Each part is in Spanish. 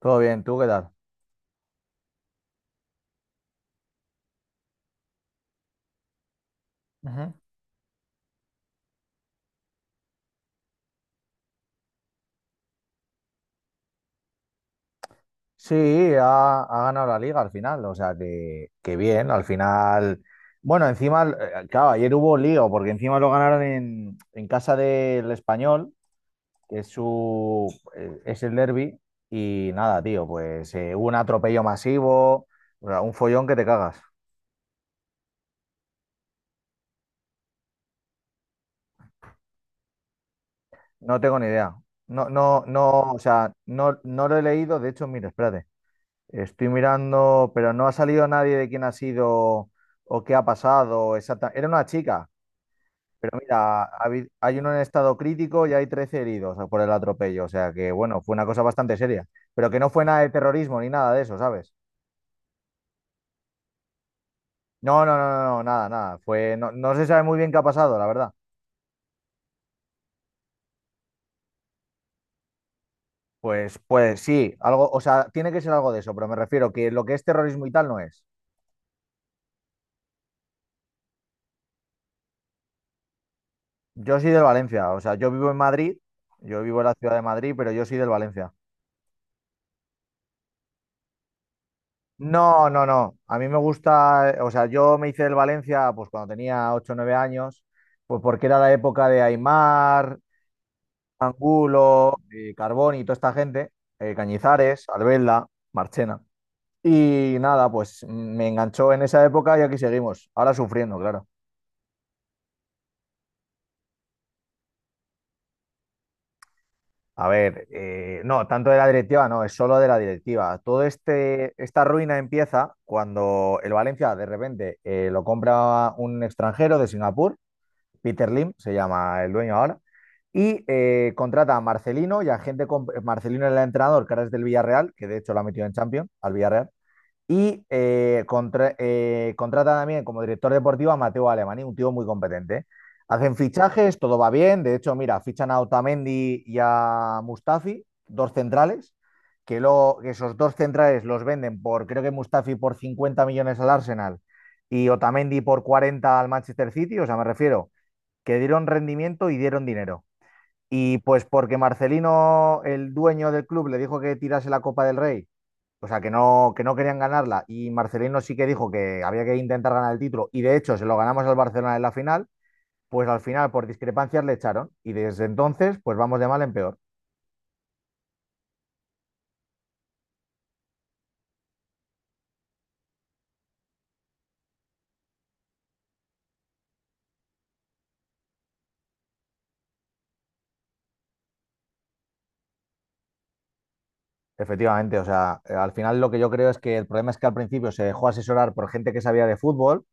Todo bien, ¿tú qué tal? Ujú. Sí, ha ganado la liga al final, o sea que bien, al final. Bueno, encima, claro, ayer hubo lío, porque encima lo ganaron en casa del Español, que es el derbi, y nada, tío, pues hubo un atropello masivo, o sea, un follón que te cagas. No tengo ni idea. No, no, no, o sea, no, no lo he leído, de hecho, mira, espérate. Estoy mirando, pero no ha salido nadie de quién ha sido o qué ha pasado. Era una chica, pero mira, hay uno en estado crítico y hay 13 heridos por el atropello. O sea que, bueno, fue una cosa bastante seria. Pero que no fue nada de terrorismo ni nada de eso, ¿sabes? No, no, no, no, no, nada, nada. No, no se sabe muy bien qué ha pasado, la verdad. Pues sí, algo, o sea, tiene que ser algo de eso, pero me refiero que lo que es terrorismo y tal no es. Yo soy del Valencia, o sea, yo vivo en Madrid, yo vivo en la ciudad de Madrid, pero yo soy del Valencia. No, no, no. A mí me gusta, o sea, yo me hice del Valencia pues cuando tenía 8, o 9 años, pues porque era la época de Aimar, Angulo, Carboni y toda esta gente, Cañizares, Albelda, Marchena. Y nada, pues me enganchó en esa época y aquí seguimos, ahora sufriendo, claro. A ver, no, tanto de la directiva, no, es solo de la directiva. Esta ruina empieza cuando el Valencia de repente lo compra un extranjero de Singapur. Peter Lim se llama el dueño ahora. Y contrata a Marcelino y a gente. Marcelino era el entrenador, que ahora es del Villarreal, que de hecho lo ha metido en Champions, al Villarreal. Y contrata también como director deportivo a Mateo Alemany, un tío muy competente. Hacen fichajes, todo va bien. De hecho, mira, fichan a Otamendi y a Mustafi, dos centrales, que luego que esos dos centrales los venden por, creo que Mustafi por 50 millones al Arsenal y Otamendi por 40 al Manchester City. O sea, me refiero que dieron rendimiento y dieron dinero. Y pues porque Marcelino, el dueño del club, le dijo que tirase la Copa del Rey, o sea, que no querían ganarla, y Marcelino sí que dijo que había que intentar ganar el título, y de hecho se lo ganamos al Barcelona en la final, pues al final por discrepancias le echaron, y desde entonces pues vamos de mal en peor. Efectivamente, o sea, al final lo que yo creo es que el problema es que al principio se dejó asesorar por gente que sabía de fútbol.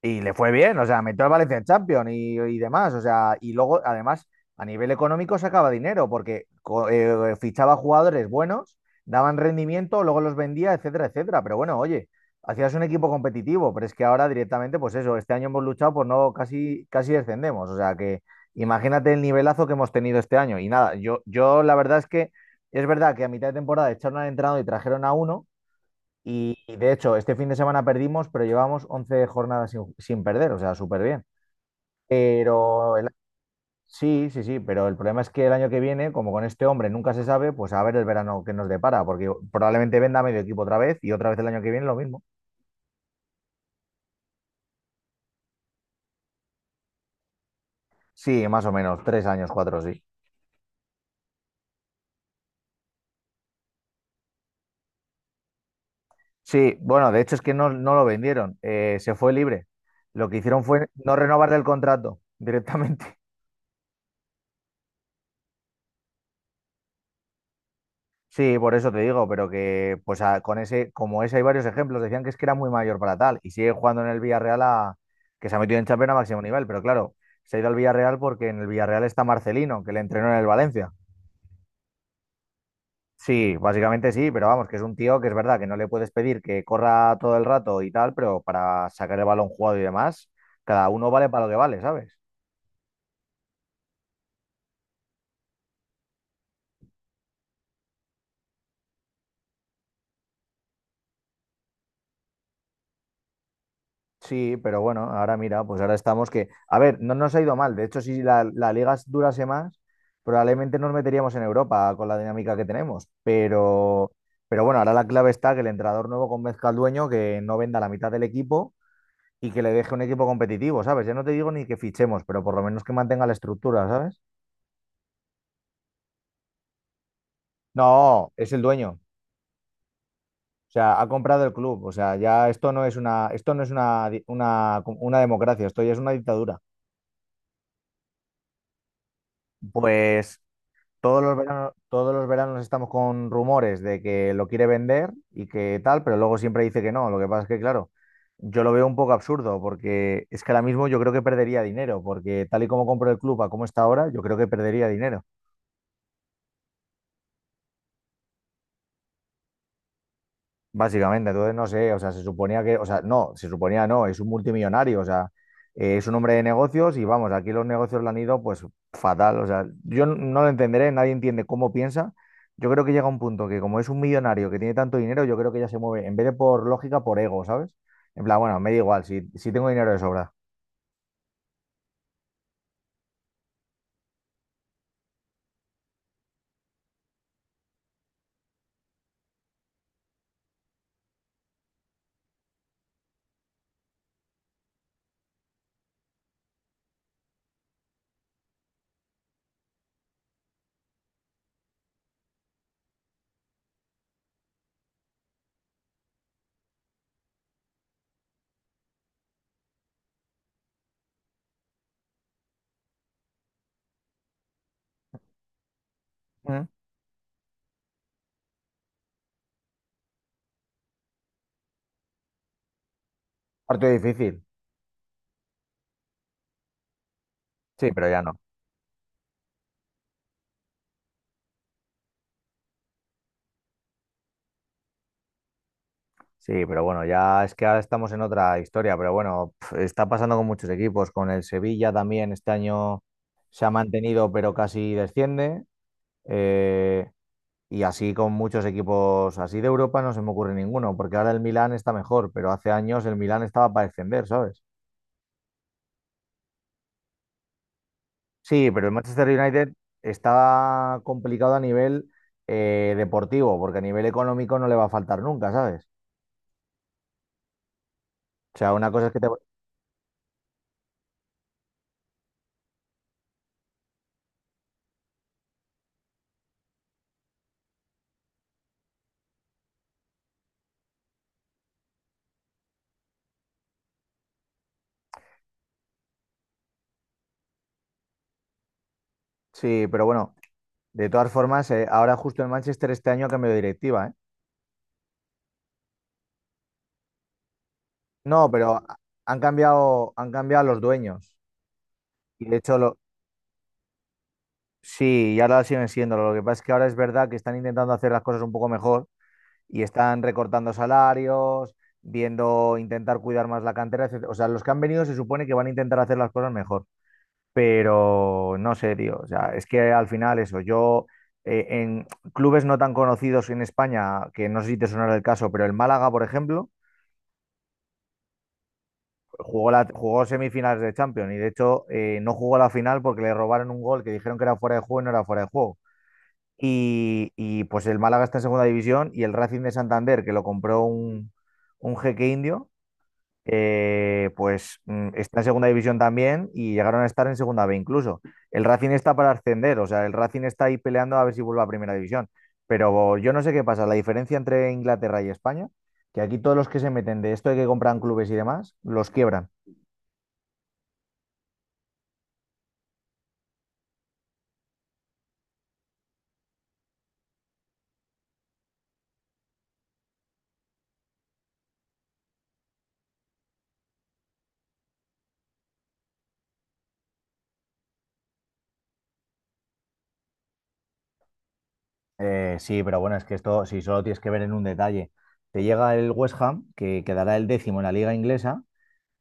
Y le fue bien, o sea, metió al Valencia en Champions y demás, o sea, y luego, además, a nivel económico sacaba dinero porque fichaba jugadores buenos, daban rendimiento, luego los vendía, etcétera, etcétera. Pero bueno, oye, hacías un equipo competitivo, pero es que ahora directamente, pues eso, este año hemos luchado por no casi, casi descendemos, o sea, que imagínate el nivelazo que hemos tenido este año. Y nada, yo la verdad es que es verdad que a mitad de temporada echaron al entrenador y trajeron a uno y de hecho, este fin de semana perdimos, pero llevamos 11 jornadas sin perder, o sea, súper bien. Pero el- sí, sí, sí, pero el problema es que el año que viene, como con este hombre nunca se sabe, pues a ver el verano que nos depara, porque probablemente venda medio equipo otra vez y otra vez el año que viene lo mismo. Sí, más o menos, 3 años, 4, sí. Sí, bueno, de hecho es que no, no lo vendieron, se fue libre. Lo que hicieron fue no renovarle el contrato directamente. Sí, por eso te digo, pero que pues con ese, como ese hay varios ejemplos, decían que es que era muy mayor para tal y sigue jugando en el Villarreal que se ha metido en Champions a máximo nivel, pero claro, se ha ido al Villarreal porque en el Villarreal está Marcelino, que le entrenó en el Valencia. Sí, básicamente sí, pero vamos, que es un tío que es verdad que no le puedes pedir que corra todo el rato y tal, pero para sacar el balón jugado y demás, cada uno vale para lo que vale, ¿sabes? Sí, pero bueno, ahora mira, pues ahora estamos que, a ver, no nos ha ido mal. De hecho, si la liga durase más, probablemente nos meteríamos en Europa con la dinámica que tenemos. Pero bueno, ahora la clave está que el entrenador nuevo convenzca al dueño que no venda la mitad del equipo y que le deje un equipo competitivo, ¿sabes? Ya no te digo ni que fichemos, pero por lo menos que mantenga la estructura, ¿sabes? No, es el dueño. O sea, ha comprado el club. O sea, ya esto no es una democracia, esto ya es una dictadura. Pues todos los veranos estamos con rumores de que lo quiere vender y que tal, pero luego siempre dice que no. Lo que pasa es que, claro, yo lo veo un poco absurdo porque es que ahora mismo yo creo que perdería dinero, porque tal y como compro el club a como está ahora, yo creo que perdería dinero. Básicamente, entonces no sé, o sea, se suponía que, o sea, no, se suponía no, es un multimillonario, o sea, es un hombre de negocios y vamos, aquí los negocios le han ido pues fatal, o sea, yo no lo entenderé, nadie entiende cómo piensa. Yo creo que llega un punto que como es un millonario que tiene tanto dinero, yo creo que ya se mueve, en vez de por lógica, por ego, ¿sabes? En plan, bueno, me da igual, si tengo dinero de sobra. Mm. Parte difícil, sí, pero ya no. Sí, pero bueno, ya es que ahora estamos en otra historia, pero bueno, está pasando con muchos equipos, con el Sevilla también este año se ha mantenido, pero casi desciende, eh, y así con muchos equipos así de Europa no se me ocurre ninguno, porque ahora el Milán está mejor, pero hace años el Milán estaba para descender, ¿sabes? Sí, pero el Manchester United está complicado a nivel deportivo, porque a nivel económico no le va a faltar nunca, ¿sabes? O sea, una cosa es que. Sí, pero bueno. De todas formas, ahora justo en Manchester este año ha cambiado de directiva, ¿eh? No, pero han cambiado los dueños. Y de hecho, sí, y ahora siguen siendo. Lo que pasa es que ahora es verdad que están intentando hacer las cosas un poco mejor y están recortando salarios, viendo, intentar cuidar más la cantera, etcétera. O sea, los que han venido se supone que van a intentar hacer las cosas mejor. Pero no sé, tío. O sea, es que al final eso, yo en clubes no tan conocidos en España, que no sé si te sonará el caso, pero el Málaga, por ejemplo. Jugó semifinales de Champions y de hecho no jugó la final porque le robaron un gol que dijeron que era fuera de juego y no era fuera de juego. Y, pues el Málaga está en segunda división y el Racing de Santander, que lo compró un jeque indio, pues está en segunda división también y llegaron a estar en segunda B incluso. El Racing está para ascender, o sea, el Racing está ahí peleando a ver si vuelve a primera división. Pero yo no sé qué pasa, la diferencia entre Inglaterra y España, que aquí todos los que se meten de esto de que compran clubes y demás, los quiebran. Sí, pero bueno, es que esto, si solo tienes que ver en un detalle, te llega el West Ham, que quedará el décimo en la liga inglesa,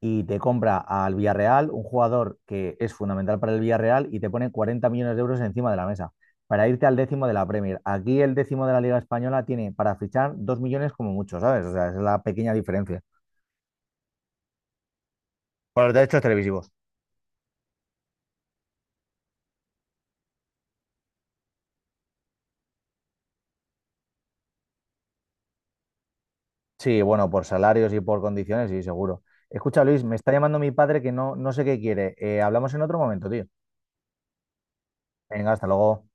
y te compra al Villarreal, un jugador que es fundamental para el Villarreal, y te pone 40 millones de euros encima de la mesa, para irte al décimo de la Premier. Aquí el décimo de la liga española tiene para fichar 2 millones como mucho, ¿sabes? O sea, esa es la pequeña diferencia. Por los derechos televisivos. Sí, bueno, por salarios y por condiciones, sí, seguro. Escucha, Luis, me está llamando mi padre que no, no sé qué quiere. Hablamos en otro momento, tío. Venga, hasta luego.